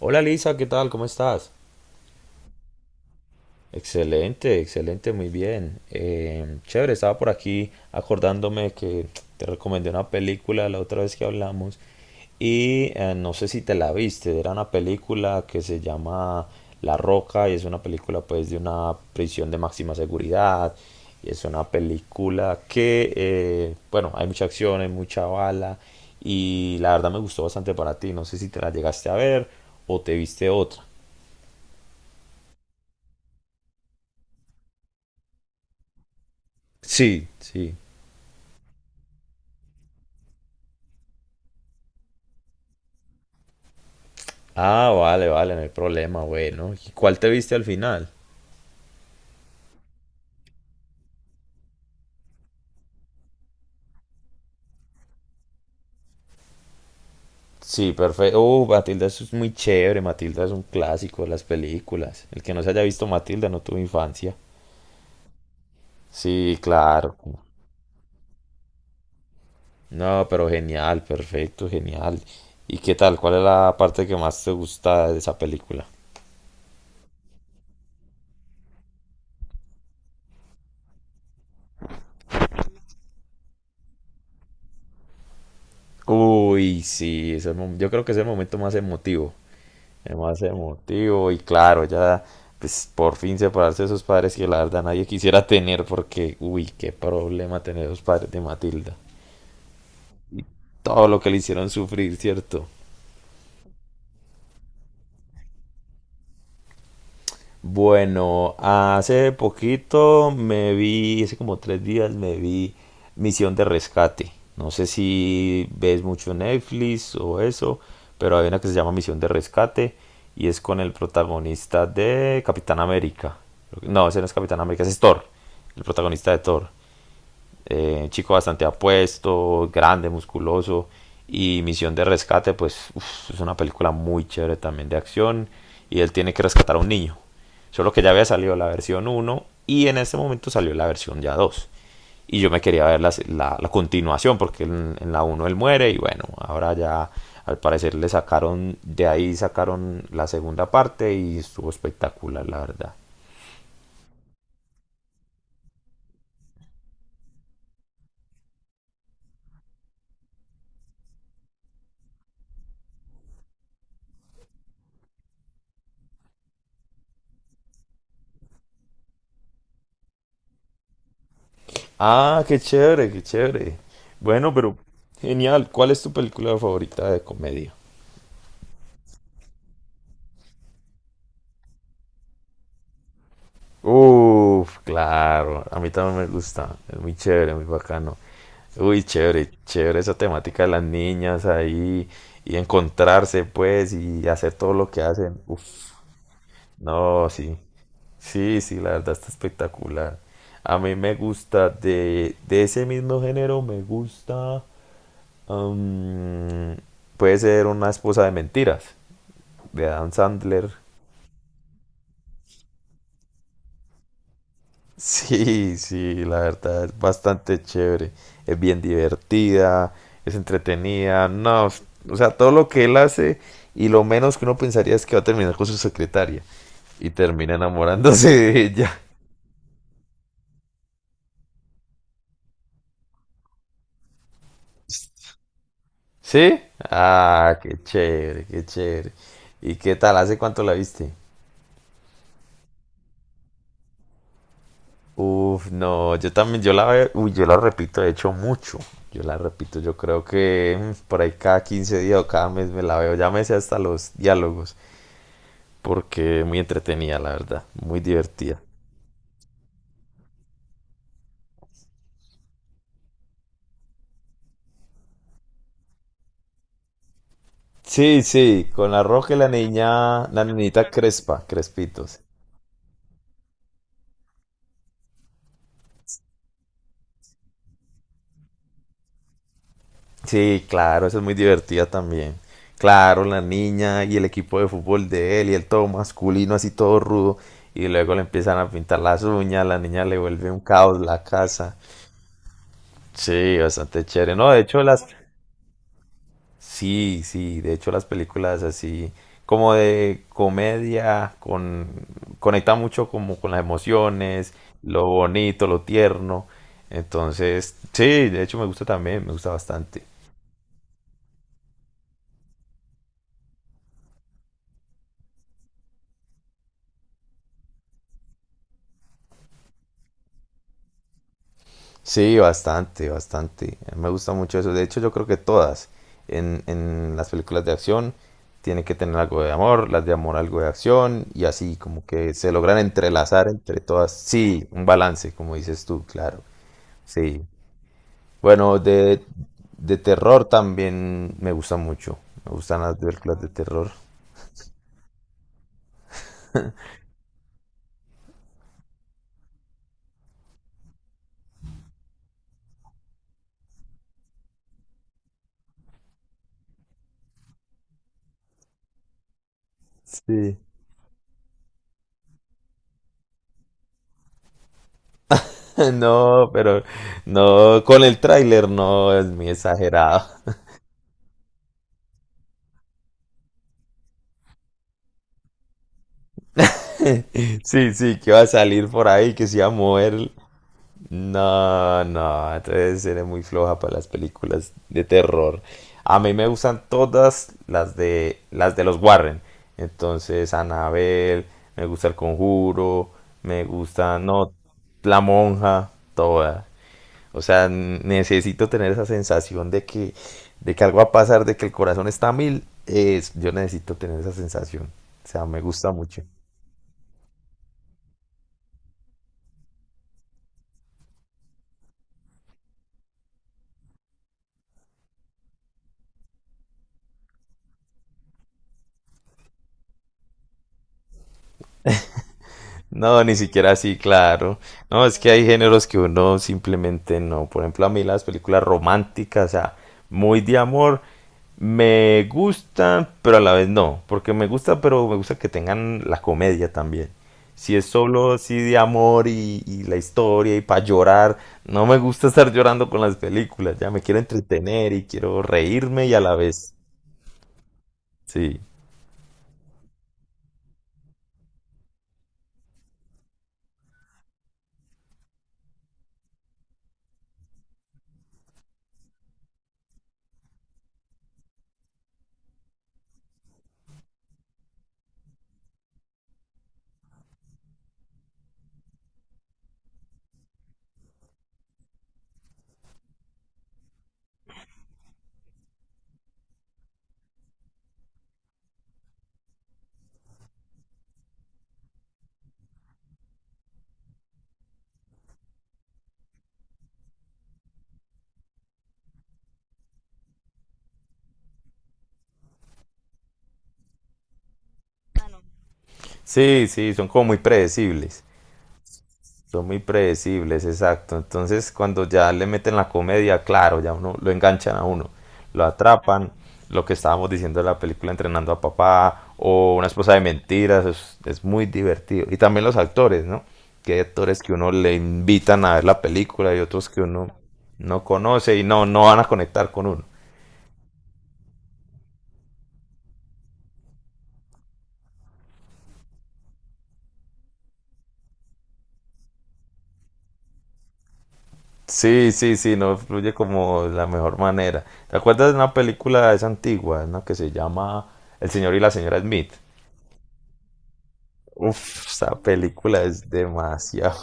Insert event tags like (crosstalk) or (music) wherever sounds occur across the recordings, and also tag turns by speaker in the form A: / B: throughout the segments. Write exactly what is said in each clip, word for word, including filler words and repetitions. A: Hola Lisa, ¿qué tal? ¿Cómo estás? Excelente, excelente, muy bien. Eh, chévere, estaba por aquí acordándome que te recomendé una película la otra vez que hablamos y eh, no sé si te la viste, era una película que se llama La Roca, y es una película pues de una prisión de máxima seguridad, y es una película que, eh, bueno, hay mucha acción, hay mucha bala, y la verdad me gustó bastante para ti, no sé si te la llegaste a ver o te viste otra. Sí, sí. Ah, vale, vale, no hay problema, bueno. ¿Y cuál te viste al final? Sí, perfecto. Uh, Matilda, eso es muy chévere. Matilda es un clásico de las películas. El que no se haya visto Matilda no tuvo infancia. Sí, claro. No, pero genial, perfecto, genial. ¿Y qué tal? ¿Cuál es la parte que más te gusta de esa película? Uy, sí, ese mom- yo creo que es el momento más emotivo. Es más emotivo y claro, ya pues por fin separarse de sus padres que la verdad nadie quisiera tener porque, uy, qué problema tener los padres de Matilda. Todo lo que le hicieron sufrir, ¿cierto? Bueno, hace poquito me vi, hace como tres días me vi Misión de Rescate. No sé si ves mucho Netflix o eso, pero hay una que se llama Misión de Rescate y es con el protagonista de Capitán América. No, ese no es Capitán América, ese es Thor, el protagonista de Thor. Eh, chico bastante apuesto, grande, musculoso. Y Misión de Rescate, pues uf, es una película muy chévere también de acción. Y él tiene que rescatar a un niño. Solo que ya había salido la versión uno y en este momento salió la versión ya dos. Y yo me quería ver la, la, la continuación porque en, en la uno él muere y bueno, ahora ya al parecer le sacaron, de ahí sacaron la segunda parte y estuvo espectacular la verdad. Ah, qué chévere, qué chévere. Bueno, pero genial. ¿Cuál es tu película favorita de comedia? Uf, claro. A mí también me gusta. Es muy chévere, muy bacano. Uy, chévere, chévere esa temática de las niñas ahí y encontrarse, pues, y hacer todo lo que hacen. Uf, no, sí. Sí, sí, la verdad está espectacular. A mí me gusta de, de ese mismo género, me gusta. am, Puede ser una esposa de mentiras. De Adam Sandler. (laughs) Sí, sí, la verdad es bastante chévere. Es bien divertida, es entretenida. No, o sea, todo lo que él hace y lo menos que uno pensaría es que va a terminar con su secretaria y termina enamorándose (laughs) de ella. ¿Sí? Ah, qué chévere, qué chévere. ¿Y qué tal? ¿Hace cuánto la viste? Uf, no, yo también, yo la, veo, uy, yo la repito, de hecho, mucho. Yo la repito, yo creo que mm, por ahí cada quince días o cada mes me la veo. Ya me sé hasta los diálogos, porque muy entretenida, la verdad, muy divertida. Sí, sí, con la Roja y la niña, la niñita Crespa, Crespitos. Sí, claro, eso es muy divertida también. Claro, la niña y el equipo de fútbol de él y el todo masculino, así todo rudo. Y luego le empiezan a pintar las uñas, la niña le vuelve un caos la casa. Sí, bastante chévere. No, de hecho las... Sí, sí, de hecho las películas así como de comedia con... conecta mucho como con las emociones, lo bonito, lo tierno. Entonces, sí, de hecho me gusta también, me gusta bastante. Sí, bastante, bastante. A mí me gusta mucho eso. De hecho, yo creo que todas en, en las películas de acción tienen que tener algo de amor, las de amor algo de acción y así como que se logran entrelazar entre todas. Sí, un balance, como dices tú, claro. Sí. Bueno, de, de terror también me gusta mucho. Me gustan las películas de terror. Sí. (laughs) No, pero no, con el tráiler no es muy exagerado. (laughs) Sí, sí, que va a salir por ahí, que se va a mover. No, no, entonces eres muy floja para las películas de terror. A mí me gustan todas las de las de los Warren. Entonces, Annabelle, me gusta El Conjuro, me gusta, no, La Monja, toda. O sea, n- necesito tener esa sensación de que de que algo va a pasar, de que el corazón está a mil. Es, yo necesito tener esa sensación. O sea, me gusta mucho. No, ni siquiera así, claro. No, es que hay géneros que uno simplemente no. Por ejemplo, a mí las películas románticas, o sea, muy de amor, me gustan, pero a la vez no. Porque me gusta, pero me gusta que tengan la comedia también. Si es solo así de amor y, y la historia y para llorar, no me gusta estar llorando con las películas. Ya me quiero entretener y quiero reírme y a la vez. Sí, sí, sí, son como muy predecibles. Son muy predecibles, exacto. Entonces, cuando ya le meten la comedia, claro, ya uno lo enganchan a uno, lo atrapan, lo que estábamos diciendo de la película Entrenando a Papá o Una esposa de mentiras, es, es muy divertido. Y también los actores, ¿no? Que hay actores que uno le invitan a ver la película y otros que uno no conoce y no, no van a conectar con uno. Sí, sí, sí, no fluye como de la mejor manera. ¿Te acuerdas de una película, es antigua, ¿no? que se llama El señor y la señora Smith? Uf, esa película es demasiado.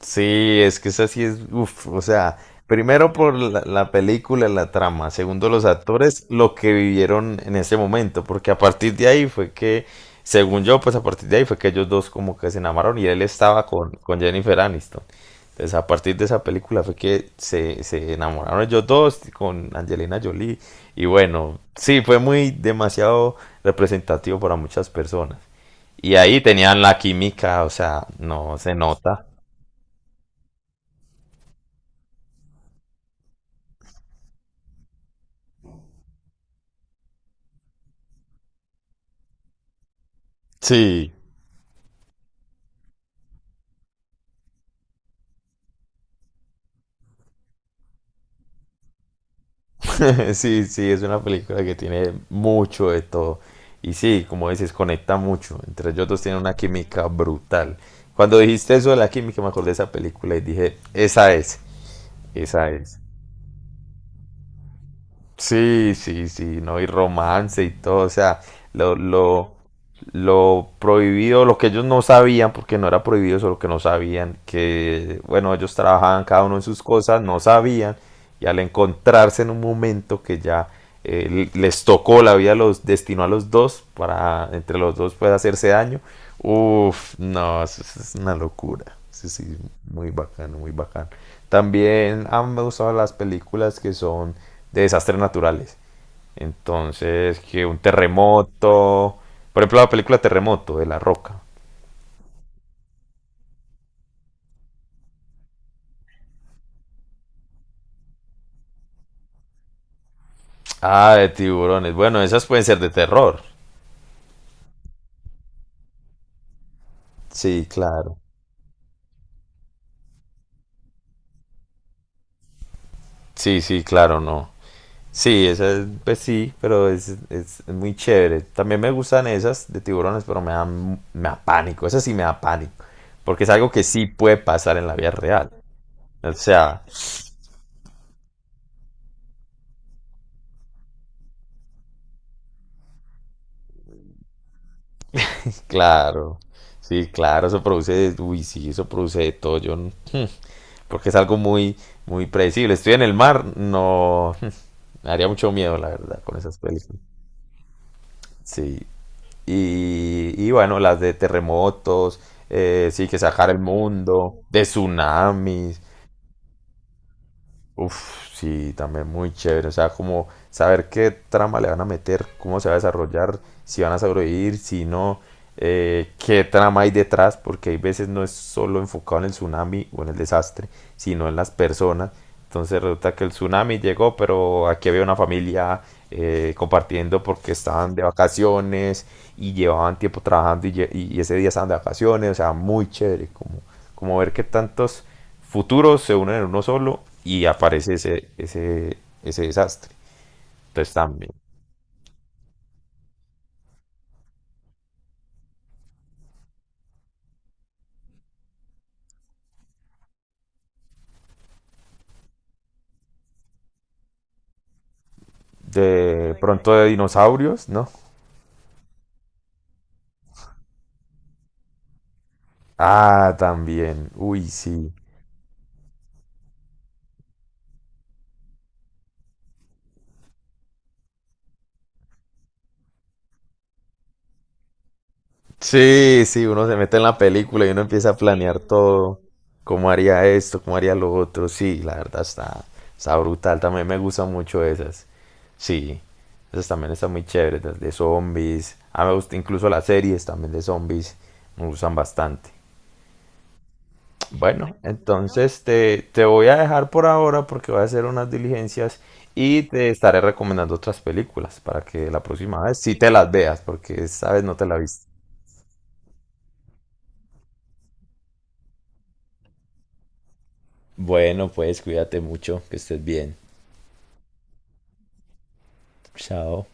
A: Sí, es que esa sí es, uf, o sea, primero por la, la película, la trama, segundo los actores, lo que vivieron en ese momento, porque a partir de ahí fue que, según yo, pues a partir de ahí fue que ellos dos como que se enamoraron y él estaba con, con Jennifer Aniston. Entonces, a partir de esa película fue que se, se enamoraron ellos dos con Angelina Jolie. Y bueno, sí, fue muy demasiado representativo para muchas personas. Y ahí tenían la química, o sea, no se nota. Sí, (laughs) sí, sí, es una película que tiene mucho de todo. Y sí, como dices, conecta mucho. Entre ellos dos tienen una química brutal. Cuando dijiste eso de la química, me acordé de esa película y dije, esa es, esa es. Sí, sí, sí, no, y romance y todo, o sea, lo, lo, lo prohibido, lo que ellos no sabían, porque no era prohibido, solo que no sabían, que bueno, ellos trabajaban cada uno en sus cosas, no sabían, y al encontrarse en un momento que ya eh, les tocó la vida, los destinó a los dos, para entre los dos puede hacerse daño, uff, no, eso es una locura, sí, sí, muy bacano, muy bacano. También han gustado las películas que son de desastres naturales. Entonces, que un terremoto, por ejemplo, la película Terremoto de La Roca. Ah, de tiburones. Bueno, esas pueden ser de terror. Sí, claro. Sí, sí, claro, no. Sí, esa es, pues sí, pero es, es muy chévere. También me gustan esas de tiburones, pero me dan, me da pánico. Esa sí me da pánico. Porque es algo que sí puede pasar en la vida real. O sea, claro. Sí, claro, eso produce, uy, sí, eso produce de todo. Yo, no- (laughs) porque es algo muy, muy predecible. Estoy en el mar, no, me daría mucho miedo, la verdad, con esas películas. Sí. Y, y bueno, las de terremotos, eh, sí, que sacar el mundo, de tsunamis. Uf, sí, también muy chévere. O sea, como saber qué trama le van a meter, cómo se va a desarrollar, si van a sobrevivir, si no, eh, qué trama hay detrás, porque hay veces no es solo enfocado en el tsunami o en el desastre, sino en las personas. Entonces resulta que el tsunami llegó, pero aquí había una familia eh, compartiendo porque estaban de vacaciones y llevaban tiempo trabajando y, lle- y ese día estaban de vacaciones. O sea, muy chévere, como, como ver qué tantos futuros se unen en uno solo y aparece ese, ese, ese desastre. Entonces también. De pronto de dinosaurios, ¿no? Ah, también. Uy, sí. Sí, sí, uno se mete en la película y uno empieza a planear todo. ¿Cómo haría esto? ¿Cómo haría lo otro? Sí, la verdad está, está brutal. También me gustan mucho esas. Sí, esas también están muy chéveres, las de zombies. Ah, me gusta incluso las series también de zombies. Me gustan bastante. Bueno, entonces te, te voy a dejar por ahora porque voy a hacer unas diligencias y te estaré recomendando otras películas para que la próxima vez sí te las veas porque esta vez no te la viste. Bueno, pues cuídate mucho, que estés bien. Chao.